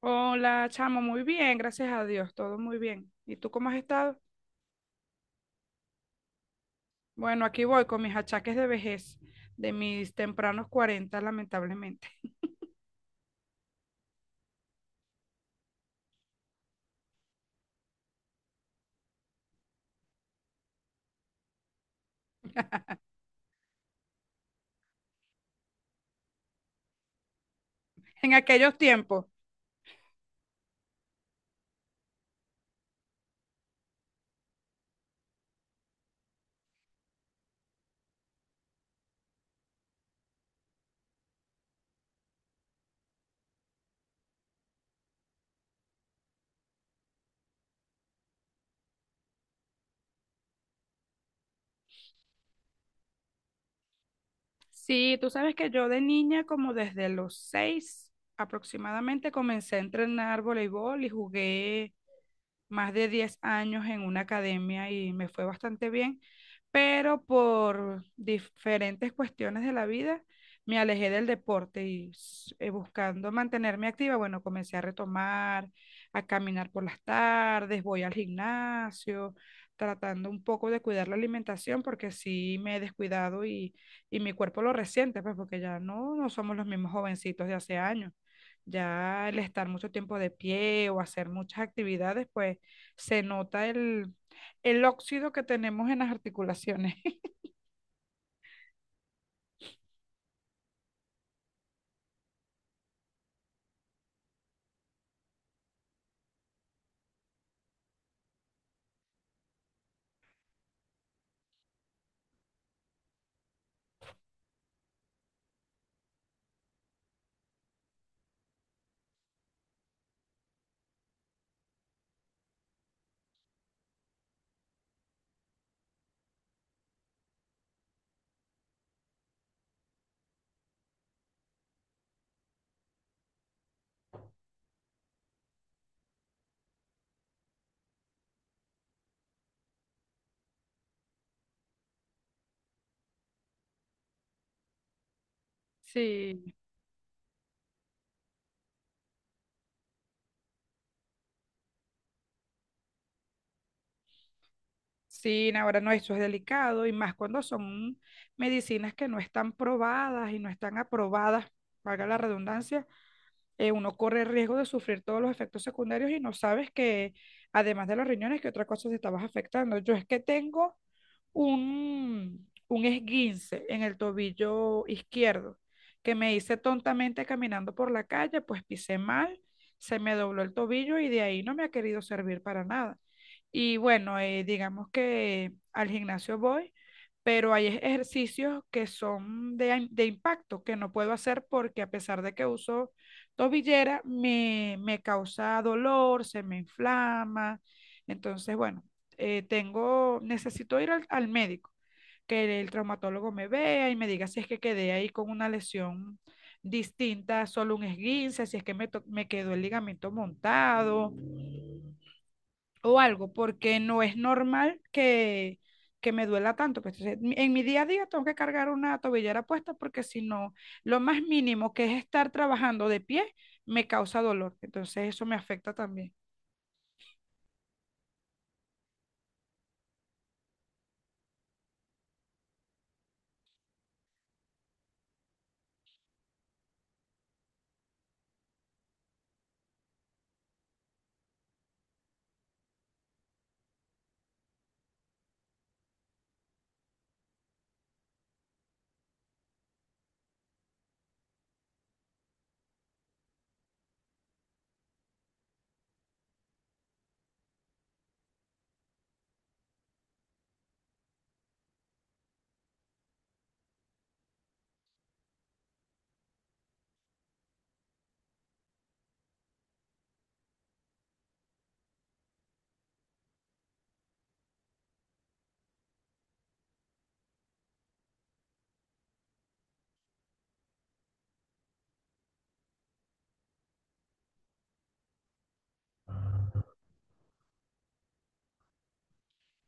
Hola, chamo, muy bien, gracias a Dios, todo muy bien. ¿Y tú cómo has estado? Bueno, aquí voy con mis achaques de vejez, de mis tempranos 40, lamentablemente. En aquellos tiempos. Sí, tú sabes que yo de niña, como desde los 6 aproximadamente, comencé a entrenar voleibol y jugué más de 10 años en una academia y me fue bastante bien, pero por diferentes cuestiones de la vida me alejé del deporte y buscando mantenerme activa, bueno, comencé a retomar, a caminar por las tardes, voy al gimnasio, tratando un poco de cuidar la alimentación porque sí me he descuidado y mi cuerpo lo resiente, pues porque ya no somos los mismos jovencitos de hace años. Ya el estar mucho tiempo de pie o hacer muchas actividades, pues se nota el óxido que tenemos en las articulaciones. Sí, sí, ahora no, eso es delicado y más cuando son medicinas que no están probadas y no están aprobadas, valga la redundancia. Uno corre el riesgo de sufrir todos los efectos secundarios y no sabes que, además de los riñones, que otra cosa te estabas afectando. Yo es que tengo un esguince en el tobillo izquierdo que me hice tontamente caminando por la calle, pues pisé mal, se me dobló el tobillo y de ahí no me ha querido servir para nada. Y bueno, digamos que al gimnasio voy, pero hay ejercicios que son de, de impacto que no puedo hacer porque a pesar de que uso tobillera me causa dolor, se me inflama. Entonces, bueno, tengo, necesito ir al médico, que el traumatólogo me vea y me diga si es que quedé ahí con una lesión distinta, solo un esguince, si es que me quedó el ligamento montado, o algo, porque no es normal que me duela tanto. Pues, entonces, en mi día a día tengo que cargar una tobillera puesta porque si no, lo más mínimo que es estar trabajando de pie me causa dolor. Entonces eso me afecta también.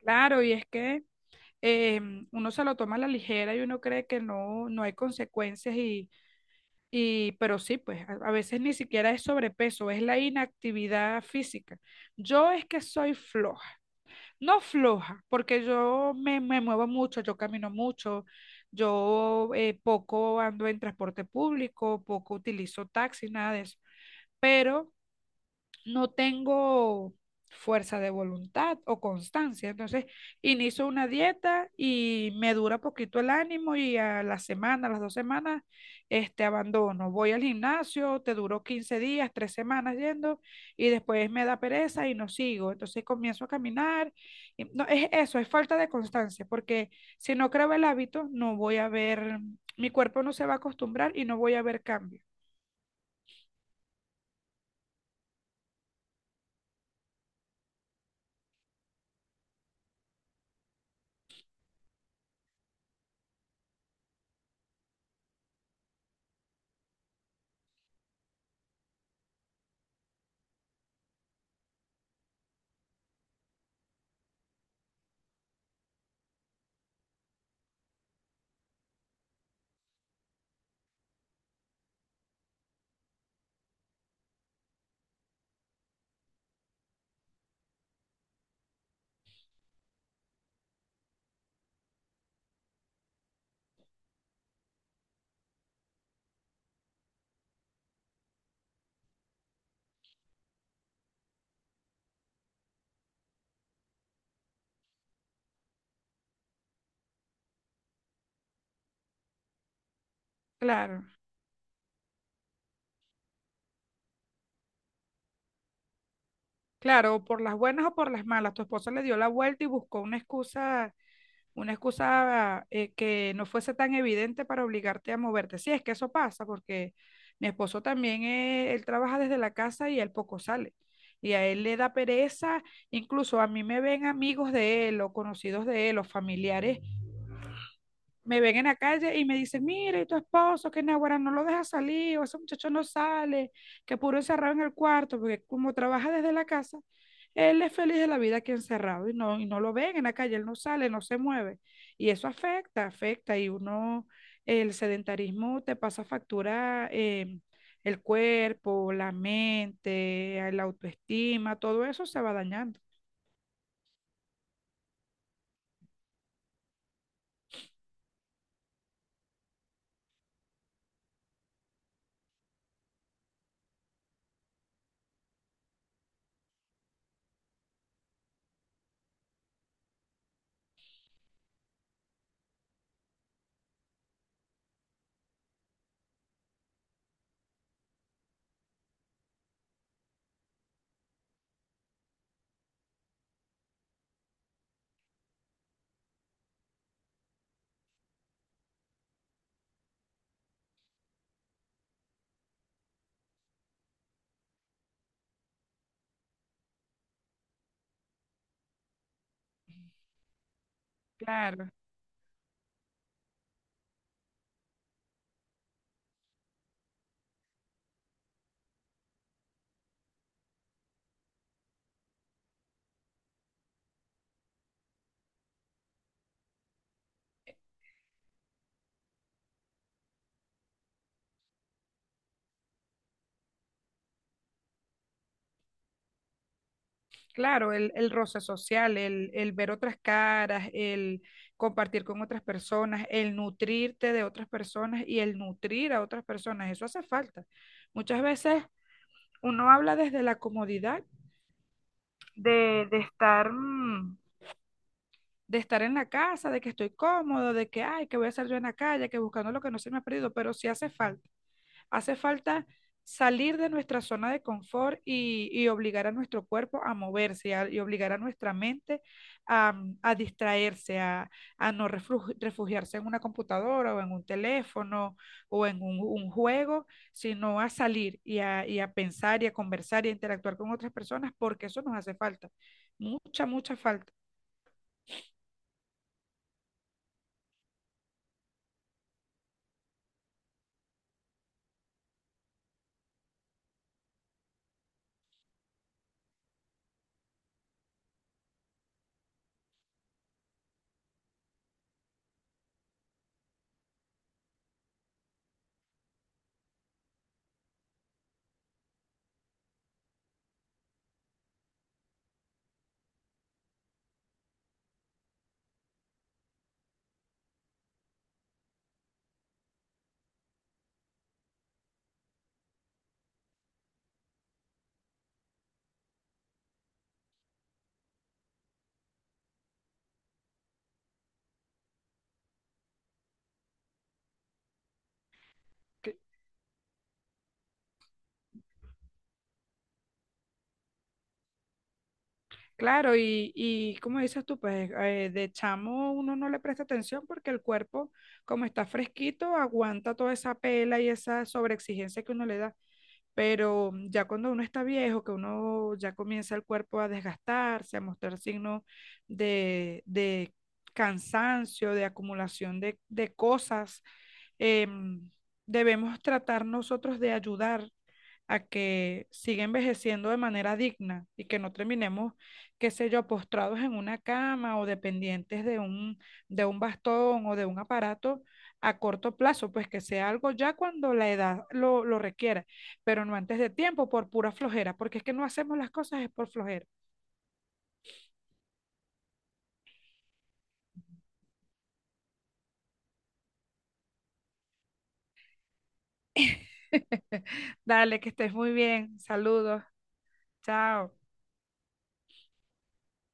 Claro, y es que uno se lo toma a la ligera y uno cree que no, no hay consecuencias y, pero sí, pues a veces ni siquiera es sobrepeso, es la inactividad física. Yo es que soy floja. No floja, porque yo me muevo mucho, yo camino mucho, yo poco ando en transporte público, poco utilizo taxi, nada de eso. Pero no tengo fuerza de voluntad o constancia. Entonces, inicio una dieta y me dura poquito el ánimo y a la semana, a las 2 semanas, abandono. Voy al gimnasio, te duró 15 días, 3 semanas yendo y después me da pereza y no sigo. Entonces comienzo a caminar. No, es eso, es falta de constancia, porque si no creo el hábito, no voy a ver, mi cuerpo no se va a acostumbrar y no voy a ver cambio. Claro. Claro, por las buenas o por las malas, tu esposa le dio la vuelta y buscó una excusa que no fuese tan evidente para obligarte a moverte. Sí, es que eso pasa porque mi esposo también, él trabaja desde la casa y él poco sale. Y a él le da pereza, incluso a mí me ven amigos de él o conocidos de él o familiares me ven en la calle y me dicen: mira, ¿y tu esposo, que naguará, no lo deja salir?, o ese muchacho no sale, que puro encerrado en el cuarto, porque como trabaja desde la casa, él es feliz de la vida aquí encerrado y no lo ven en la calle, él no sale, no se mueve. Y eso afecta, afecta, y uno, el sedentarismo te pasa factura, el cuerpo, la mente, la autoestima, todo eso se va dañando. Claro. Claro, el roce social, el ver otras caras, el compartir con otras personas, el nutrirte de otras personas y el nutrir a otras personas, eso hace falta. Muchas veces uno habla desde la comodidad de estar, de estar en la casa, de que estoy cómodo, de que, ay, que voy a hacer yo en la calle, que buscando lo que no se me ha perdido, pero sí hace falta. Hace falta salir de nuestra zona de confort y obligar a nuestro cuerpo a moverse y obligar a nuestra mente a, a distraerse, a no refugiarse en una computadora o en un teléfono o en un juego, sino a salir y a pensar y a conversar y a interactuar con otras personas porque eso nos hace falta, mucha, mucha falta. Claro, y como dices tú, pues de chamo uno no le presta atención porque el cuerpo, como está fresquito, aguanta toda esa pela y esa sobreexigencia que uno le da. Pero ya cuando uno está viejo, que uno ya comienza el cuerpo a desgastarse, a mostrar signos de cansancio, de acumulación de cosas, em, debemos tratar nosotros de ayudar a que siga envejeciendo de manera digna y que no terminemos, qué sé yo, postrados en una cama o dependientes de un bastón o de un aparato a corto plazo, pues que sea algo ya cuando la edad lo requiera, pero no antes de tiempo por pura flojera, porque es que no hacemos las cosas es por flojera. Dale, que estés muy bien. Saludos. Chao.